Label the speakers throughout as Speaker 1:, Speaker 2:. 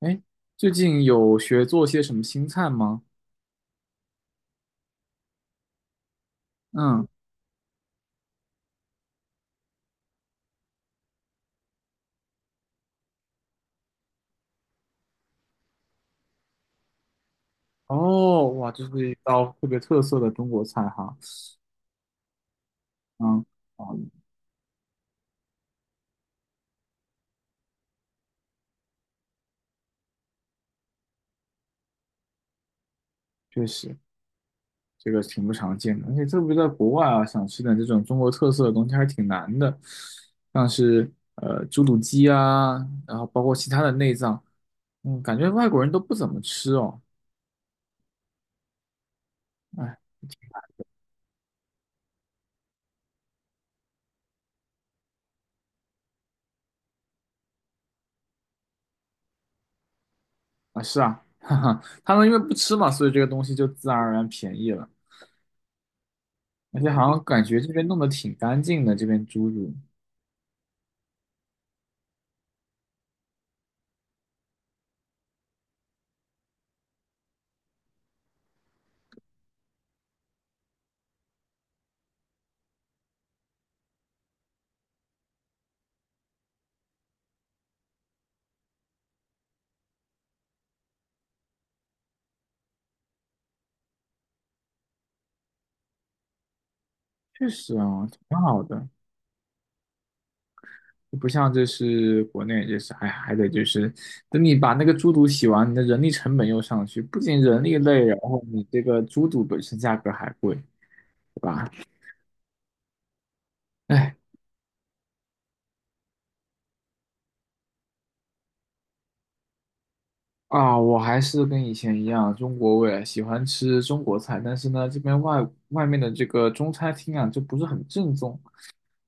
Speaker 1: 哎，最近有学做些什么新菜吗？嗯，哦，哇，这是一道特别特色的中国菜哈。嗯，啊，确实，这个挺不常见的，而且特别在国外啊，想吃点这种中国特色的东西还是挺难的，像是猪肚鸡啊，然后包括其他的内脏，嗯，感觉外国人都不怎么吃哦。哎，啊，是啊，哈哈，他们因为不吃嘛，所以这个东西就自然而然便宜了。而且好像感觉这边弄得挺干净的，这边猪肚确实啊，挺好的，就不像这是国内，就是还得就是等你把那个猪肚洗完，你的人力成本又上去，不仅人力累，然后你这个猪肚本身价格还贵，对吧？哎啊，我还是跟以前一样，中国胃，喜欢吃中国菜，但是呢，这边外面的这个中餐厅啊，就不是很正宗，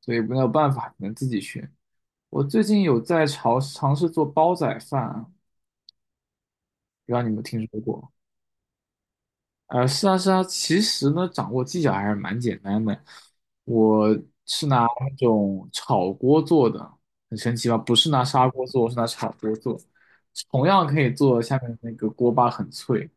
Speaker 1: 所以没有办法，只能自己学。我最近有在尝试做煲仔饭，不知道你有没有听说过？是啊，是啊，其实呢，掌握技巧还是蛮简单的。我是拿那种炒锅做的，很神奇吧？不是拿砂锅做，我是拿炒锅做，同样可以做下面那个锅巴很脆。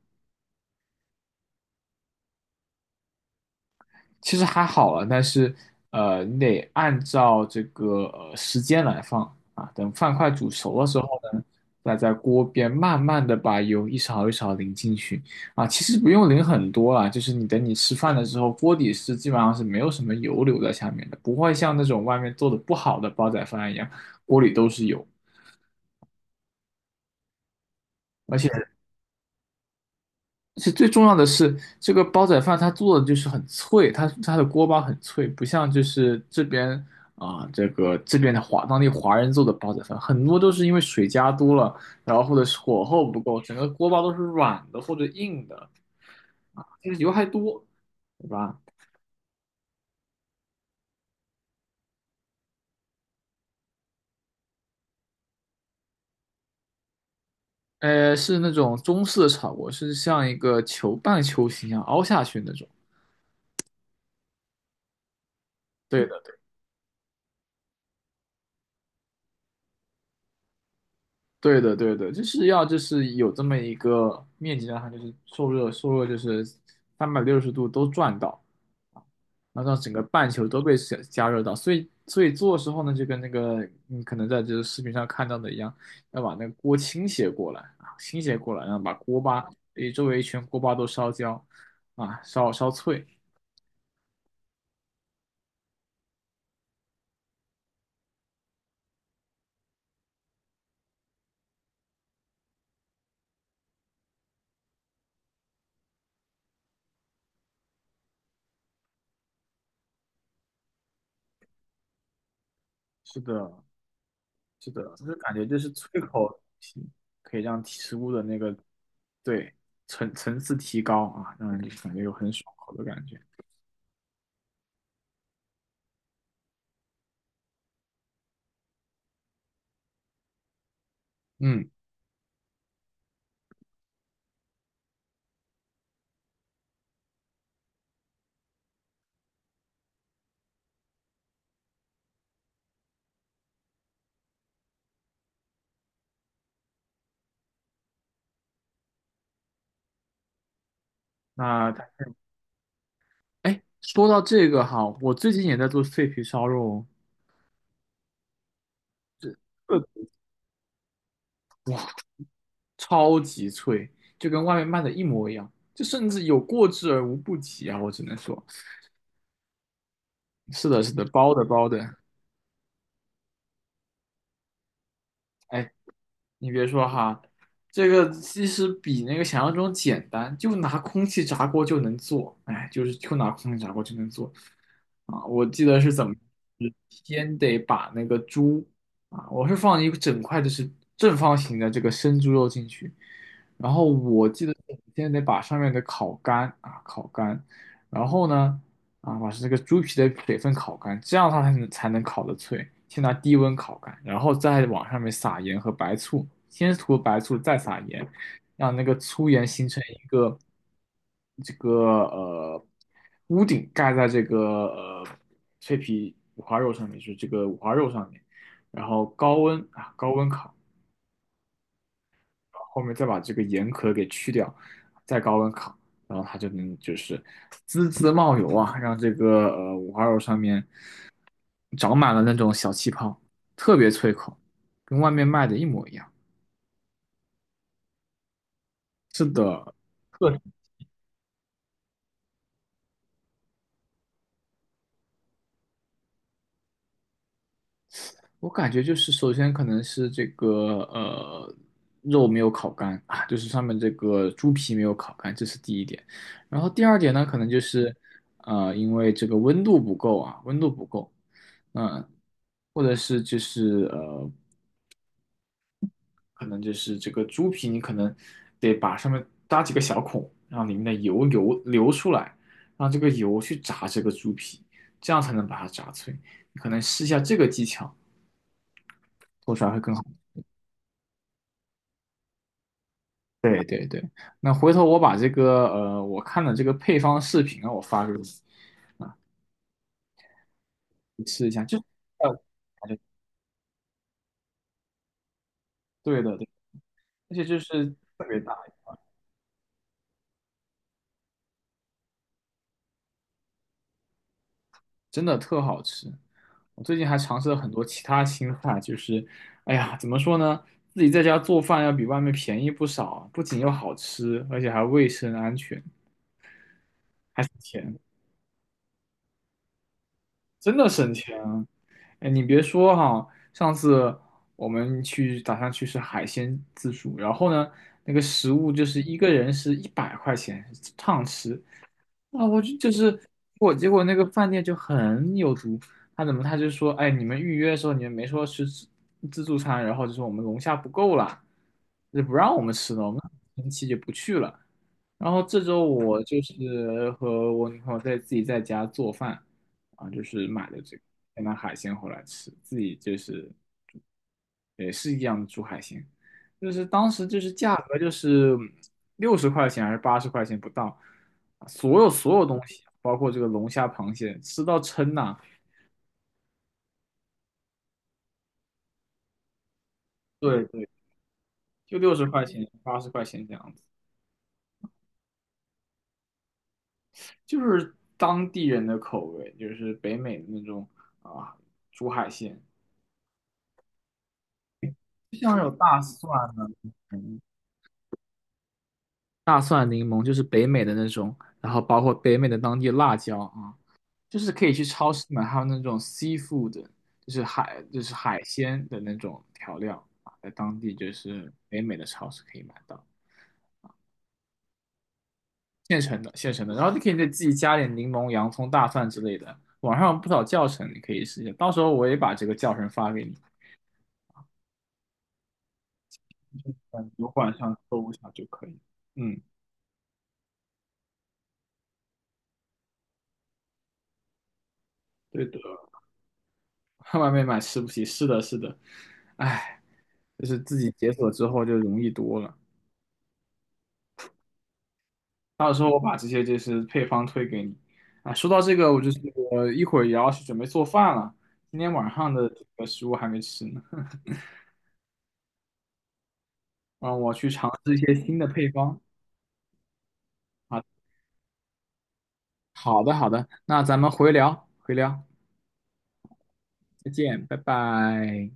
Speaker 1: 其实还好了，但是你得按照这个时间来放啊。等饭快煮熟的时候呢，再在锅边慢慢的把油一勺一勺淋进去啊。其实不用淋很多啦，就是你等你吃饭的时候，锅底是基本上是没有什么油留在下面的，不会像那种外面做的不好的煲仔饭一样，锅里都是油。而且。其实最重要的是，这个煲仔饭它做的就是很脆，它的锅巴很脆，不像就是这边啊、这个这边的华当地华人做的煲仔饭，很多都是因为水加多了，然后或者是火候不够，整个锅巴都是软的或者硬的，就是油还多，对吧？是那种中式的炒锅，是像一个球半球形一样凹下去那种。对的，对的，对的，就是要就是有这么一个面积，让它就是受热，受热就是360度都转到，啊然后让整个半球都被加热到。所以，所以做的时候呢，就跟那个你可能在这个视频上看到的一样，要把那个锅倾斜过来啊，倾斜过来，然后把锅巴，诶，周围一圈锅巴都烧焦啊，烧脆。是的，是的，就是感觉就是脆口的东西可以让提食物的那个对层层次提高啊，让人感觉有很爽口的感觉。嗯，那它哎，说到这个哈，我最近也在做脆皮烧肉哦，这呃哇，超级脆，就跟外面卖的一模一样，就甚至有过之而无不及啊，我只能说，是的，是的，包的包的，哎，你别说哈，这个其实比那个想象中简单，就拿空气炸锅就能做，哎，就是就拿空气炸锅就能做啊！我记得是怎么，是先得把那个猪啊，我是放一个整块的是正方形的这个生猪肉进去，然后我记得是先得把上面的烤干啊烤干，然后呢。啊，把这个猪皮的水分烤干，这样它才能烤得脆。先拿低温烤干，然后再往上面撒盐和白醋，先涂白醋，再撒盐，让那个粗盐形成一个这个呃屋顶，盖在这个脆皮五花肉上面，就是这个五花肉上面，然后高温啊高温烤，后面再把这个盐壳给去掉，再高温烤。然后它就能就是滋滋冒油啊，让这个五花肉上面长满了那种小气泡，特别脆口，跟外面卖的一模一样。是的，特我感觉就是首先可能是这个肉没有烤干啊，就是上面这个猪皮没有烤干，这是第一点。然后第二点呢，可能就是因为这个温度不够啊，温度不够，嗯、或者是就是可能就是这个猪皮，你可能得把上面搭几个小孔，让里面的油流出来，让这个油去炸这个猪皮，这样才能把它炸脆。你可能试一下这个技巧，做出来会更好。对对对，那回头我把这个我看的这个配方视频啊，我发给你，你试一下。就对的对，而且就是真的特好吃。我最近还尝试了很多其他新菜，就是，哎呀，怎么说呢，自己在家做饭要比外面便宜不少，不仅又好吃，而且还卫生安全，还省钱，真的省钱啊！哎，你别说哈，上次我们去打算去吃海鲜自助，然后呢，那个食物就是一个人是100块钱，畅吃，啊，我就是我，结果那个饭店就很有毒。他怎么他就说，哎，你们预约的时候你们没说吃自助餐，然后就说我们龙虾不够了，就不让我们吃了，我们很生气就不去了。然后这周我就是和我女朋友在自己在家做饭，啊，就是买的这个，买海鲜回来吃，自己就是也是一样的煮海鲜。就是当时就是价格就是六十块钱还是八十块钱不到，啊所有东西，包括这个龙虾、螃蟹，吃到撑呐、对对，就六十块钱、八十块钱这样子，就是当地人的口味，就是北美的那种啊，煮海鲜，就像有大蒜呢、嗯大蒜、柠檬，就是北美的那种，然后包括北美的当地辣椒啊，就是可以去超市买还有那种 seafood，就是海就是海鲜的那种调料啊，在当地就是北美的超市可以买到现成的现成的，然后你可以再自己加点柠檬、洋葱、大蒜之类的。网上有不少教程，你可以试一下，到时候我也把这个教程发给你，嗯，油管上搜一下就可以。嗯，对的，外面买吃不起，是的，是的，哎，就是自己解锁之后就容易多了。到时候我把这些就是配方推给你。啊，说到这个，我就是我一会儿也要去准备做饭了，今天晚上的这个食物还没吃呢，让我去尝试一些新的配方。啊，好的好的，那咱们回聊回聊，再见，拜拜。